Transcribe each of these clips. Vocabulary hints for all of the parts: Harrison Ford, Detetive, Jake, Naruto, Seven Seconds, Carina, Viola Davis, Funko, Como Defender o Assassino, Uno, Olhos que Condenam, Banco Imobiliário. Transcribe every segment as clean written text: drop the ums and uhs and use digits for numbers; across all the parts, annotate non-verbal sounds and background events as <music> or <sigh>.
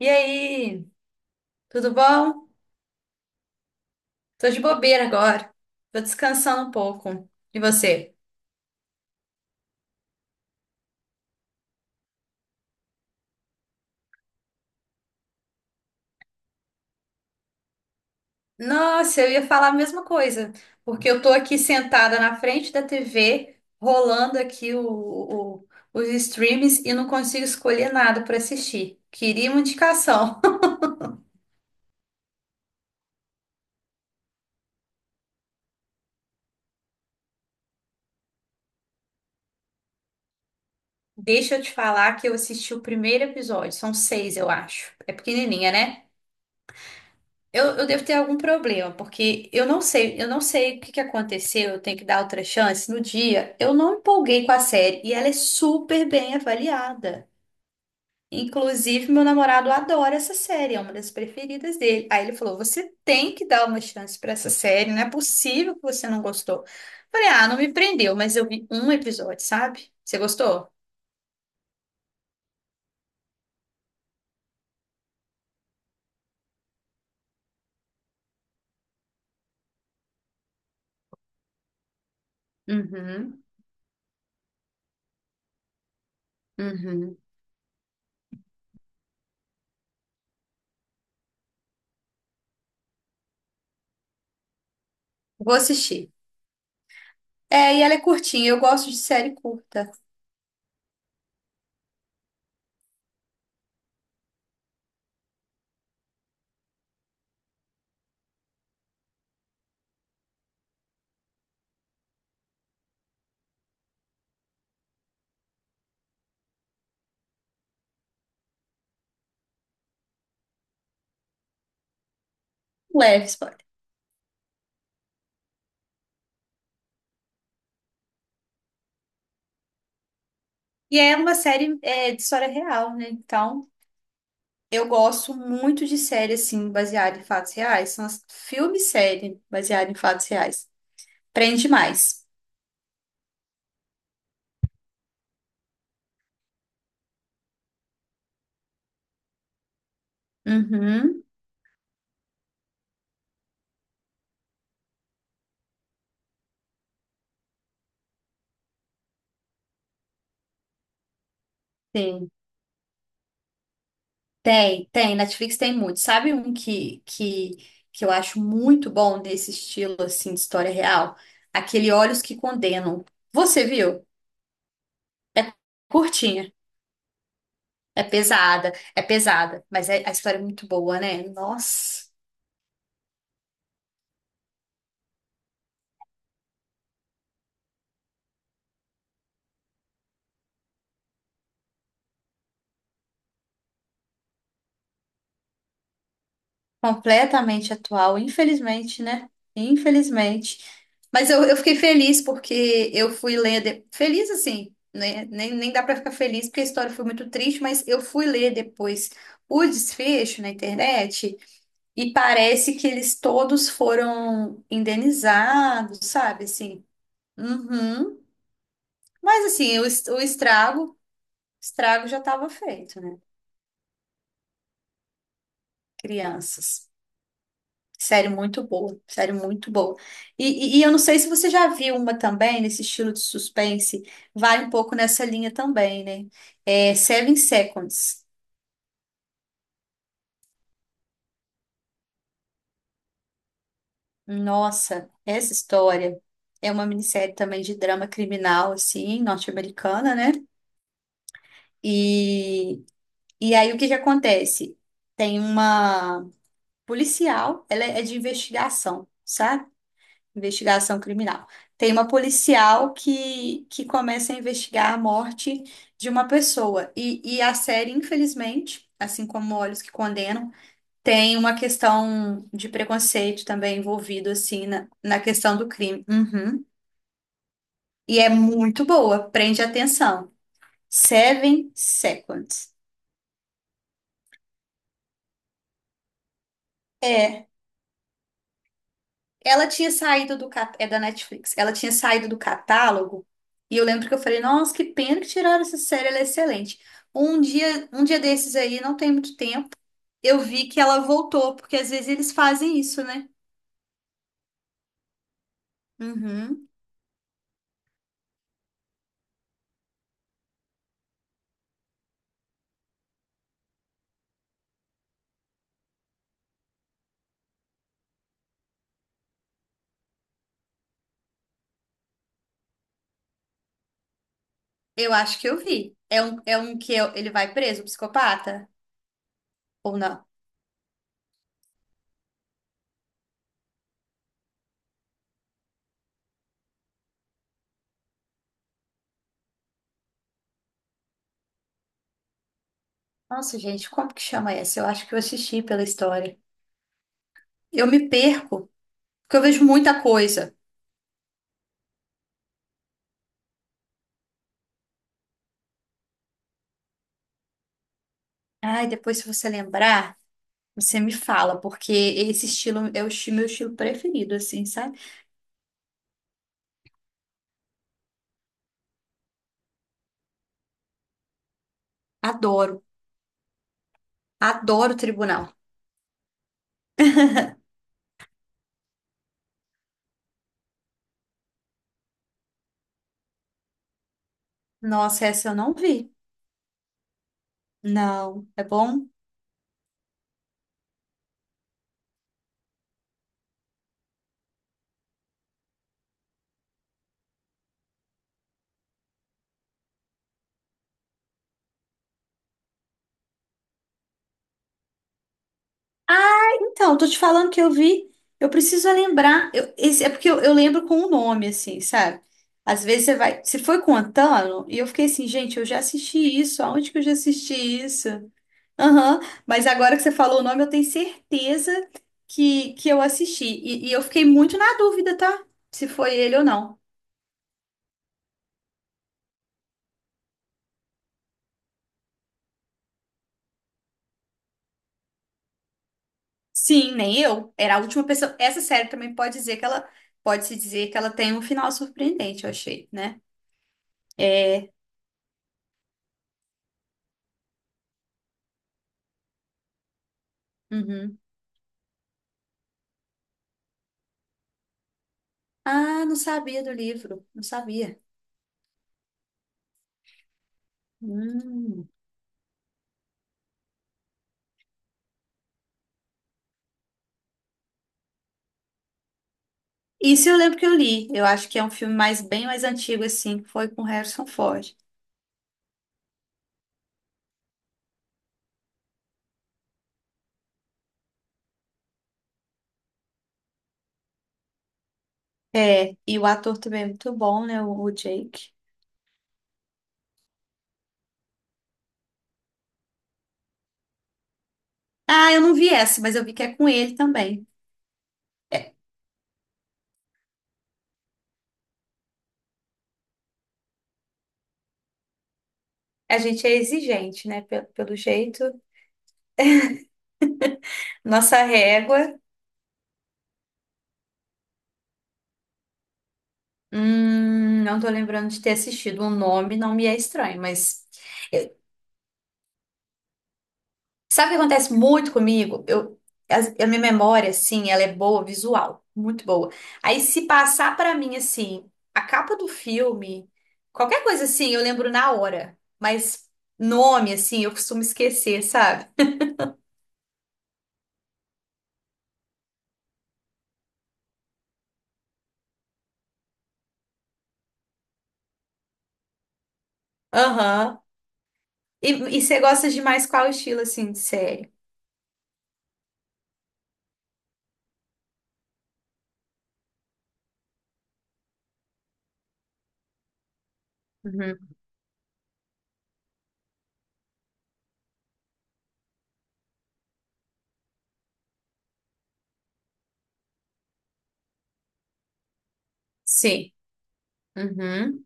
E aí, tudo bom? Tô de bobeira agora. Tô descansando um pouco. E você? Nossa, eu ia falar a mesma coisa, porque eu tô aqui sentada na frente da TV, rolando aqui o- os streams e não consigo escolher nada pra assistir. Queria uma indicação. <laughs> Deixa eu te falar que eu assisti o primeiro episódio, são seis, eu acho. É pequenininha, né? Eu devo ter algum problema, porque eu não sei o que que aconteceu, eu tenho que dar outra chance. No dia, eu não empolguei com a série e ela é super bem avaliada. Inclusive, meu namorado adora essa série, é uma das preferidas dele. Aí ele falou: "Você tem que dar uma chance pra essa série, não é possível que você não gostou". Falei: "Ah, não me prendeu, mas eu vi um episódio, sabe? Você gostou? Uhum, uhum. Vou assistir". É, e ela é curtinha, eu gosto de série curta, leve. E é uma série é, de história real, né? Então, eu gosto muito de série, assim, baseada em fatos reais. São as filme e série baseada em fatos reais. Prende mais. Uhum, sim. Tem, tem. Netflix tem muito. Sabe um que eu acho muito bom desse estilo, assim, de história real? Aquele Olhos que Condenam. Você viu? É curtinha. É pesada. É pesada. Mas é, a história é muito boa, né? Nossa. Completamente atual, infelizmente, né? Infelizmente. Mas eu fiquei feliz porque eu fui ler. De- Feliz assim, né? Nem, nem dá pra ficar feliz porque a história foi muito triste, mas eu fui ler depois o desfecho na internet e parece que eles todos foram indenizados, sabe? Assim, uhum. Mas assim, o, es- o estrago já estava feito, né? Crianças. Série muito boa, série muito boa. Eu não sei se você já viu uma também, nesse estilo de suspense, vai um pouco nessa linha também, né? É Seven Seconds. Nossa, essa história é uma minissérie também de drama criminal, assim, norte-americana, né? E, aí o que que acontece? Tem uma policial, ela é de investigação, sabe? Investigação criminal. Tem uma policial que começa a investigar a morte de uma pessoa. E a série, infelizmente, assim como Olhos que Condenam, tem uma questão de preconceito também envolvido, assim, na questão do crime. Uhum. E é muito boa, prende atenção. Seven Seconds. É. Ela tinha saído do cat... é da Netflix. Ela tinha saído do catálogo e eu lembro que eu falei, nossa, que pena que tiraram essa série, ela é excelente. Um dia desses aí, não tem muito tempo, eu vi que ela voltou, porque às vezes eles fazem isso, né? Uhum. Eu acho que eu vi. É um que eu- ele vai preso, o psicopata? Ou não? Nossa, gente, como que chama essa? Eu acho que eu assisti pela história. Eu me perco, porque eu vejo muita coisa. Ai, depois se você lembrar. Você me fala, porque esse estilo é o esti- meu estilo preferido, assim, sabe? Adoro, adoro tribunal. Nossa, essa eu não vi. Não, é bom? Ah, então, tô te falando que eu vi. Eu preciso lembrar. Eu, esse, é porque eu lembro com o nome, assim, sabe? Às vezes você vai. Você foi contando, e eu fiquei assim, gente, eu já assisti isso. Aonde que eu já assisti isso? Aham, mas agora que você falou o nome, eu tenho certeza que eu assisti. Eu fiquei muito na dúvida, tá? Se foi ele ou não. Sim, nem eu. Era a última pessoa. Essa série também pode dizer que ela pode se dizer que ela tem um final surpreendente, eu achei, né? É. Uhum. Ah, não sabia do livro. Não sabia. Hum. Isso eu lembro que eu li. Eu acho que é um filme mais bem mais antigo, assim, que foi com Harrison Ford. É, e o ator também é muito bom, né? O Jake. Ah, eu não vi essa, mas eu vi que é com ele também. É, a gente é exigente, né? Pe- Pelo, jeito, nossa régua. Não tô lembrando de ter assistido. O nome não me é estranho, mas eu- sabe o que acontece muito comigo? Eu, as- a, minha memória, assim, ela é boa, visual, muito boa. Aí se passar pra mim, assim, a capa do filme, qualquer coisa assim, eu lembro na hora. Mas nome, assim, eu costumo esquecer, sabe? Aham. E, você gosta de mais qual estilo, assim, de série? Uhum. Sim. Uhum.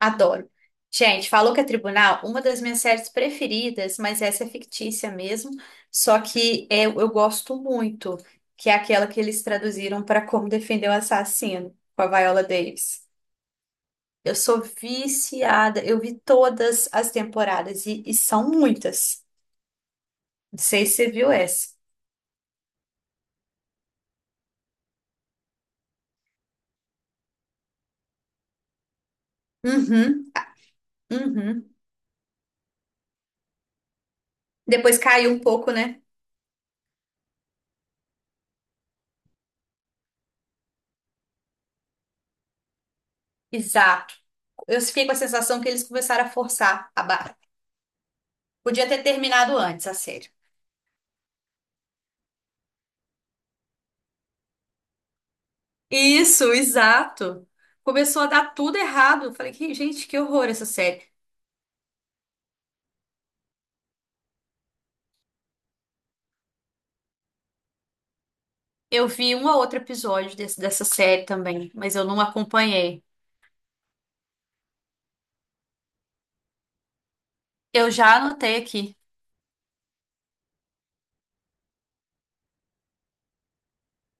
Adoro. Gente, falou que é tribunal, uma das minhas séries preferidas, mas essa é fictícia mesmo, só que é- eu gosto muito, que é aquela que eles traduziram para Como Defender o Assassino, com a Viola Davis. Eu sou viciada, eu vi todas as temporadas e são muitas. Não sei se você viu essa. Uhum, uhum. Depois caiu um pouco, né? Exato. Eu fiquei com a sensação que eles começaram a forçar a barra. Podia ter terminado antes a série. Isso, exato. Começou a dar tudo errado. Eu Falei, "Que- gente, que horror essa série. Eu vi um ou outro episódio desse- dessa série também, mas eu não acompanhei. Eu já anotei aqui.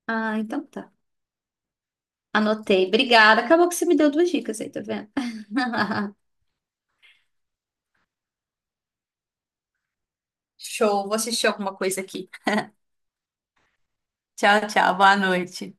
Ah, então tá. Anotei. Obrigada. Acabou que você me deu duas dicas aí, tá vendo? <laughs> Show, vou assistir alguma coisa aqui. Tchau, tchau, boa noite.